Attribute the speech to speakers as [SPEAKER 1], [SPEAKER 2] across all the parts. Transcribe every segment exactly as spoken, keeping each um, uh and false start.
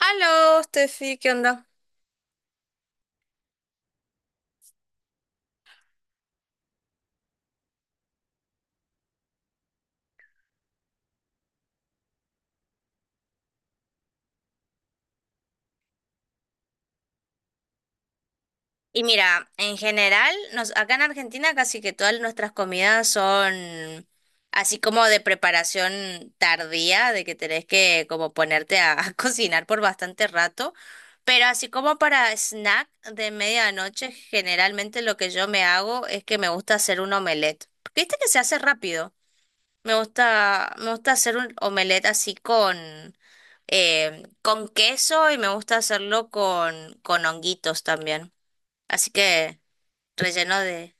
[SPEAKER 1] Aló, Steffi, ¿qué onda? Y mira, en general, nos, acá en Argentina casi que todas nuestras comidas son así como de preparación tardía, de que tenés que como ponerte a, a cocinar por bastante rato, pero así como para snack de medianoche, generalmente lo que yo me hago es que me gusta hacer un omelette, porque viste que se hace rápido. Me gusta, me gusta hacer un omelette así con, eh, con queso y me gusta hacerlo con, con honguitos también. Así que relleno de,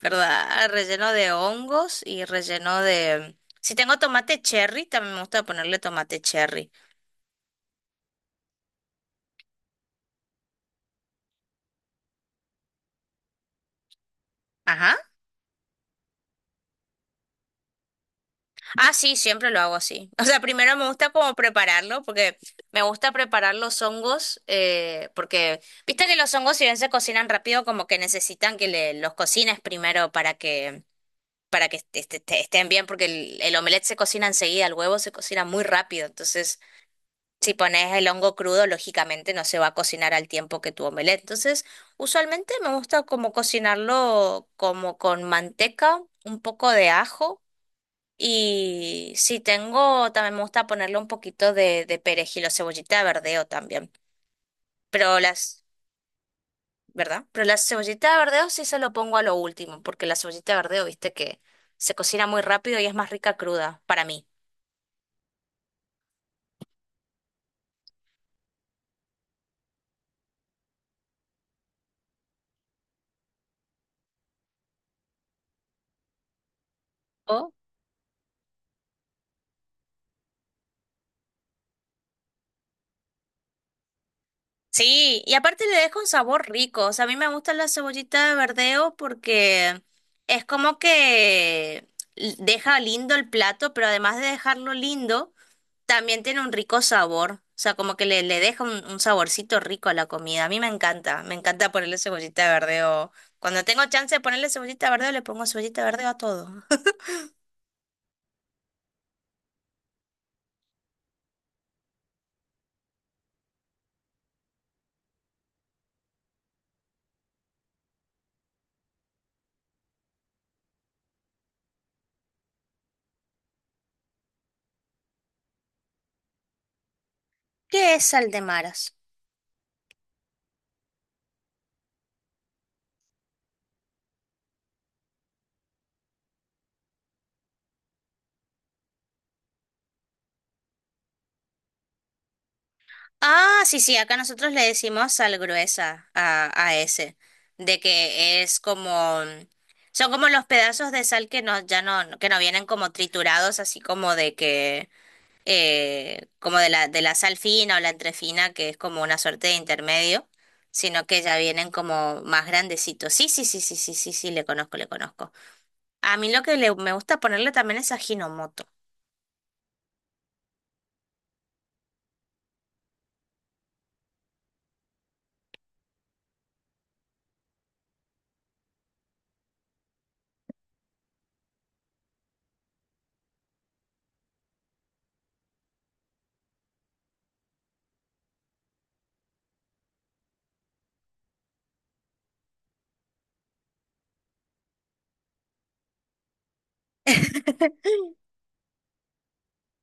[SPEAKER 1] ¿verdad? Relleno de hongos y relleno de... Si tengo tomate cherry, también me gusta ponerle tomate cherry. Ajá. Ah, sí, siempre lo hago así. O sea, primero me gusta como prepararlo, porque me gusta preparar los hongos, eh, porque viste que los hongos si bien se cocinan rápido, como que necesitan que le- los cocines primero para que, para que est- est- estén bien, porque el, el omelette se cocina enseguida, el huevo se cocina muy rápido. Entonces, si pones el hongo crudo, lógicamente no se va a cocinar al tiempo que tu omelette. Entonces, usualmente me gusta como cocinarlo como con manteca, un poco de ajo y si tengo, también me gusta ponerle un poquito de, de perejil o cebollita de verdeo también. Pero las, ¿verdad? Pero la cebollita de verdeo sí se lo pongo a lo último, porque la cebollita de verdeo, viste que se cocina muy rápido y es más rica cruda para mí. Oh, sí, y aparte le deja un sabor rico. O sea, a mí me gusta la cebollita de verdeo porque es como que l- deja lindo el plato, pero además de dejarlo lindo también tiene un rico sabor, o sea, como que le, le deja un, un saborcito rico a la comida. A mí me encanta, me encanta ponerle cebollita de verdeo. Cuando tengo chance de ponerle cebollita de verdeo, le pongo cebollita de verdeo a todo. ¿Qué es sal de maras? Ah, sí, sí, acá nosotros le decimos sal gruesa a, a ese, de que es como, mm, son como los pedazos de sal que no, ya no, que no vienen como triturados, así como de que eh, como de la, de la sal fina o la entrefina, que es como una suerte de intermedio, sino que ya vienen como más grandecitos. Sí, sí, sí, sí, sí, sí, sí, le conozco, le conozco. A mí lo que le- me gusta ponerle también es ajinomoto.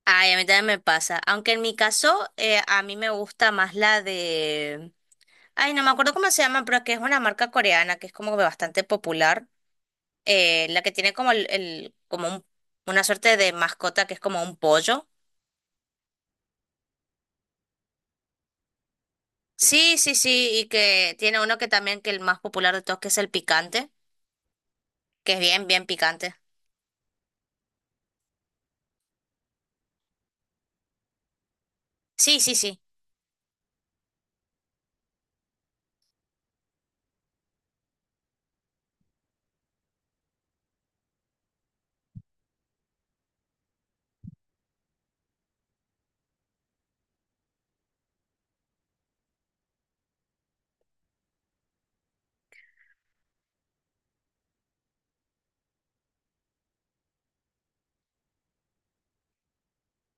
[SPEAKER 1] Ay, a mí también me pasa, aunque en mi caso eh, a mí me gusta más la de... Ay, no me acuerdo cómo se llama, pero que es una marca coreana que es como bastante popular, eh, la que tiene como el, el- como un- una suerte de mascota que es como un pollo. Sí, sí, sí, y que tiene uno que también que el más popular de todos que es el picante, que es bien, bien picante. Sí, sí, sí,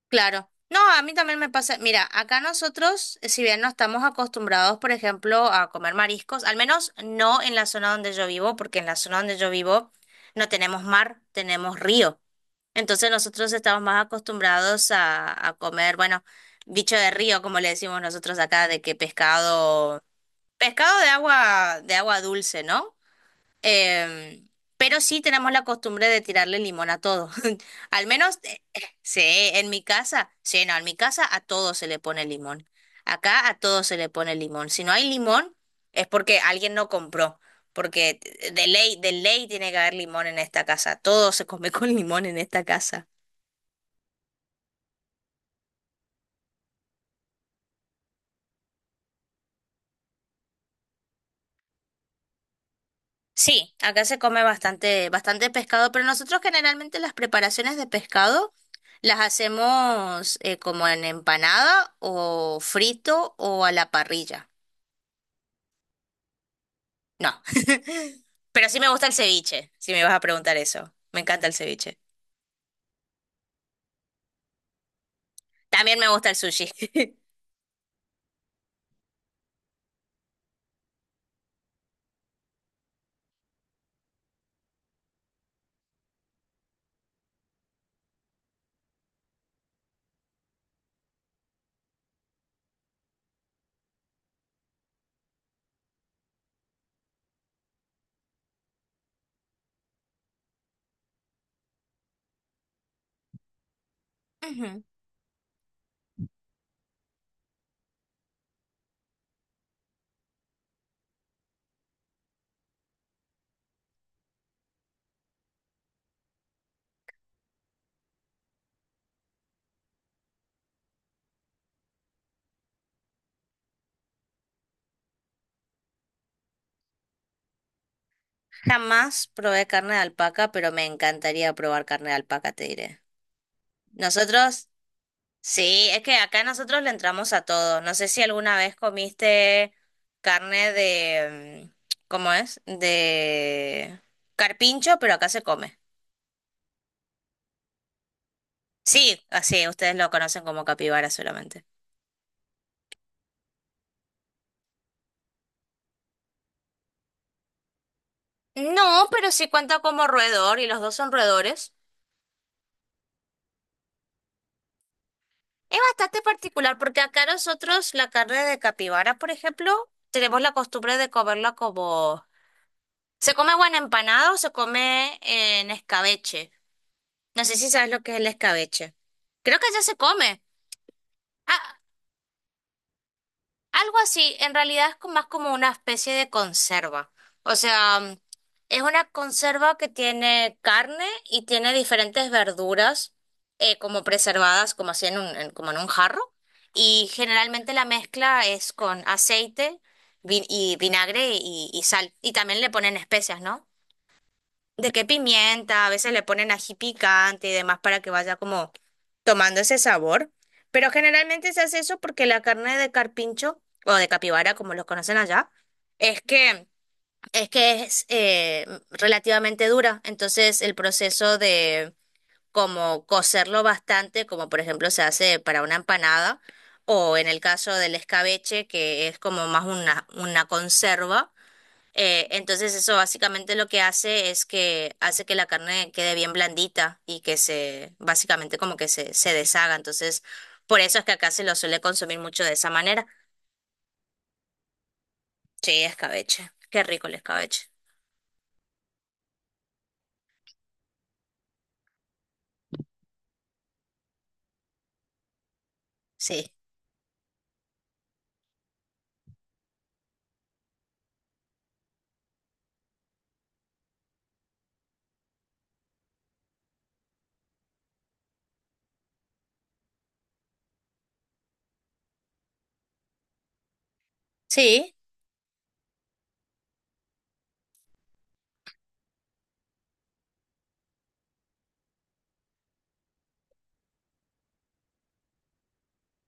[SPEAKER 1] claro. No, a mí también me pasa, mira, acá nosotros, eh, si bien no estamos acostumbrados, por ejemplo, a comer mariscos, al menos no en la zona donde yo vivo, porque en la zona donde yo vivo no tenemos mar, tenemos río. Entonces nosotros estamos más acostumbrados a, a comer, bueno, bicho de río, como le decimos nosotros acá, de que pescado, pescado de agua, de agua dulce, ¿no? Em, pero sí tenemos la costumbre de tirarle limón a todo. Al menos, eh, eh, sí, en mi casa, sí, no, en mi casa a todo se le pone limón. Acá a todo se le pone limón. Si no hay limón, es porque alguien no compró. Porque de ley, de ley tiene que haber limón en esta casa. Todo se come con limón en esta casa. Sí, acá se come bastante, bastante pescado, pero nosotros generalmente las preparaciones de pescado las hacemos eh, como en empanada o frito o a la parrilla. No, pero sí me gusta el ceviche, si me vas a preguntar eso. Me encanta el ceviche. También me gusta el sushi. Ujú. Jamás probé carne de alpaca, pero me encantaría probar carne de alpaca, te diré. Nosotros sí, es que acá nosotros le entramos a todo. No sé si alguna vez comiste carne de, mm, ¿cómo es? De carpincho, pero acá se come. Sí, así, ustedes lo conocen como capibara solamente. No, pero sí cuenta como roedor y los dos son roedores. Es bastante particular porque acá nosotros la carne de capibara, por ejemplo, tenemos la costumbre de comerla como... Se come o en empanado o se come en escabeche. No sé si sabes lo que es el escabeche. Creo que ya se come. Ah, algo así, en realidad es co- más como una especie de conserva. O sea, mm, es una conserva que tiene carne y tiene diferentes verduras eh, como preservadas, como así en un, en- como en un jarro. Y generalmente la mezcla es con aceite vin- y vinagre y, y sal. Y también le ponen especias, ¿no? De qué pimienta, a veces le ponen ají picante y demás para que vaya como tomando ese sabor. Pero generalmente se hace eso porque la carne de carpincho o de capibara, como los conocen allá, es que es que es eh, relativamente dura. Entonces el proceso de como cocerlo bastante, como por ejemplo se hace para una empanada, o en el caso del escabeche, que es como más una, una conserva. Eh, entonces eso básicamente lo que hace es que hace que la carne quede bien blandita y que se, básicamente como que se, se deshaga. Entonces, por eso es que acá se lo suele consumir mucho de esa manera. Sí, escabeche. Qué rico el escabeche. Sí. Sí.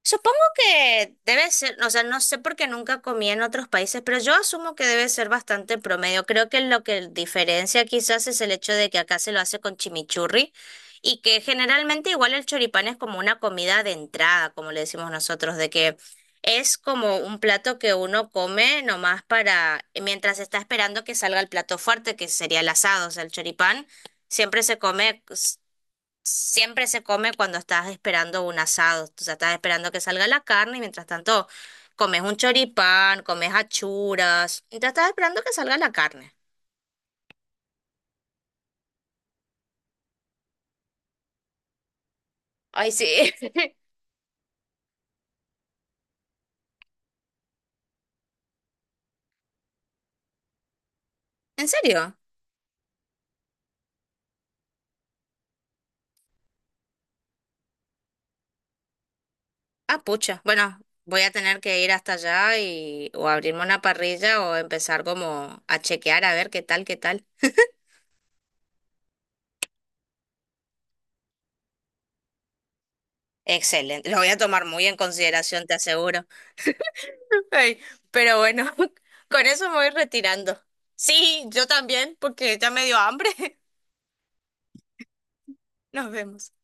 [SPEAKER 1] Supongo que debe ser, o sea, no sé porque nunca comí en otros países, pero yo asumo que debe ser bastante promedio. Creo que lo que diferencia quizás es el hecho de que acá se lo hace con chimichurri y que generalmente igual el choripán es como una comida de entrada, como le decimos nosotros, de que es como un plato que uno come nomás para, mientras está esperando que salga el plato fuerte, que sería el asado, o sea, el choripán. Siempre se come siempre se come cuando estás esperando un asado, o sea, estás esperando que salga la carne y mientras tanto comes un choripán, comes achuras, mientras estás esperando que salga la carne. Ay, sí. ¿En serio? Ah, pucha. Bueno, voy a tener que ir hasta allá y o abrirme una parrilla o empezar como a chequear a ver qué tal, qué tal. Excelente. Lo voy a tomar muy en consideración, te aseguro. Ay, pero bueno, con eso me voy retirando. Sí, yo también, porque ya me dio hambre. Nos vemos.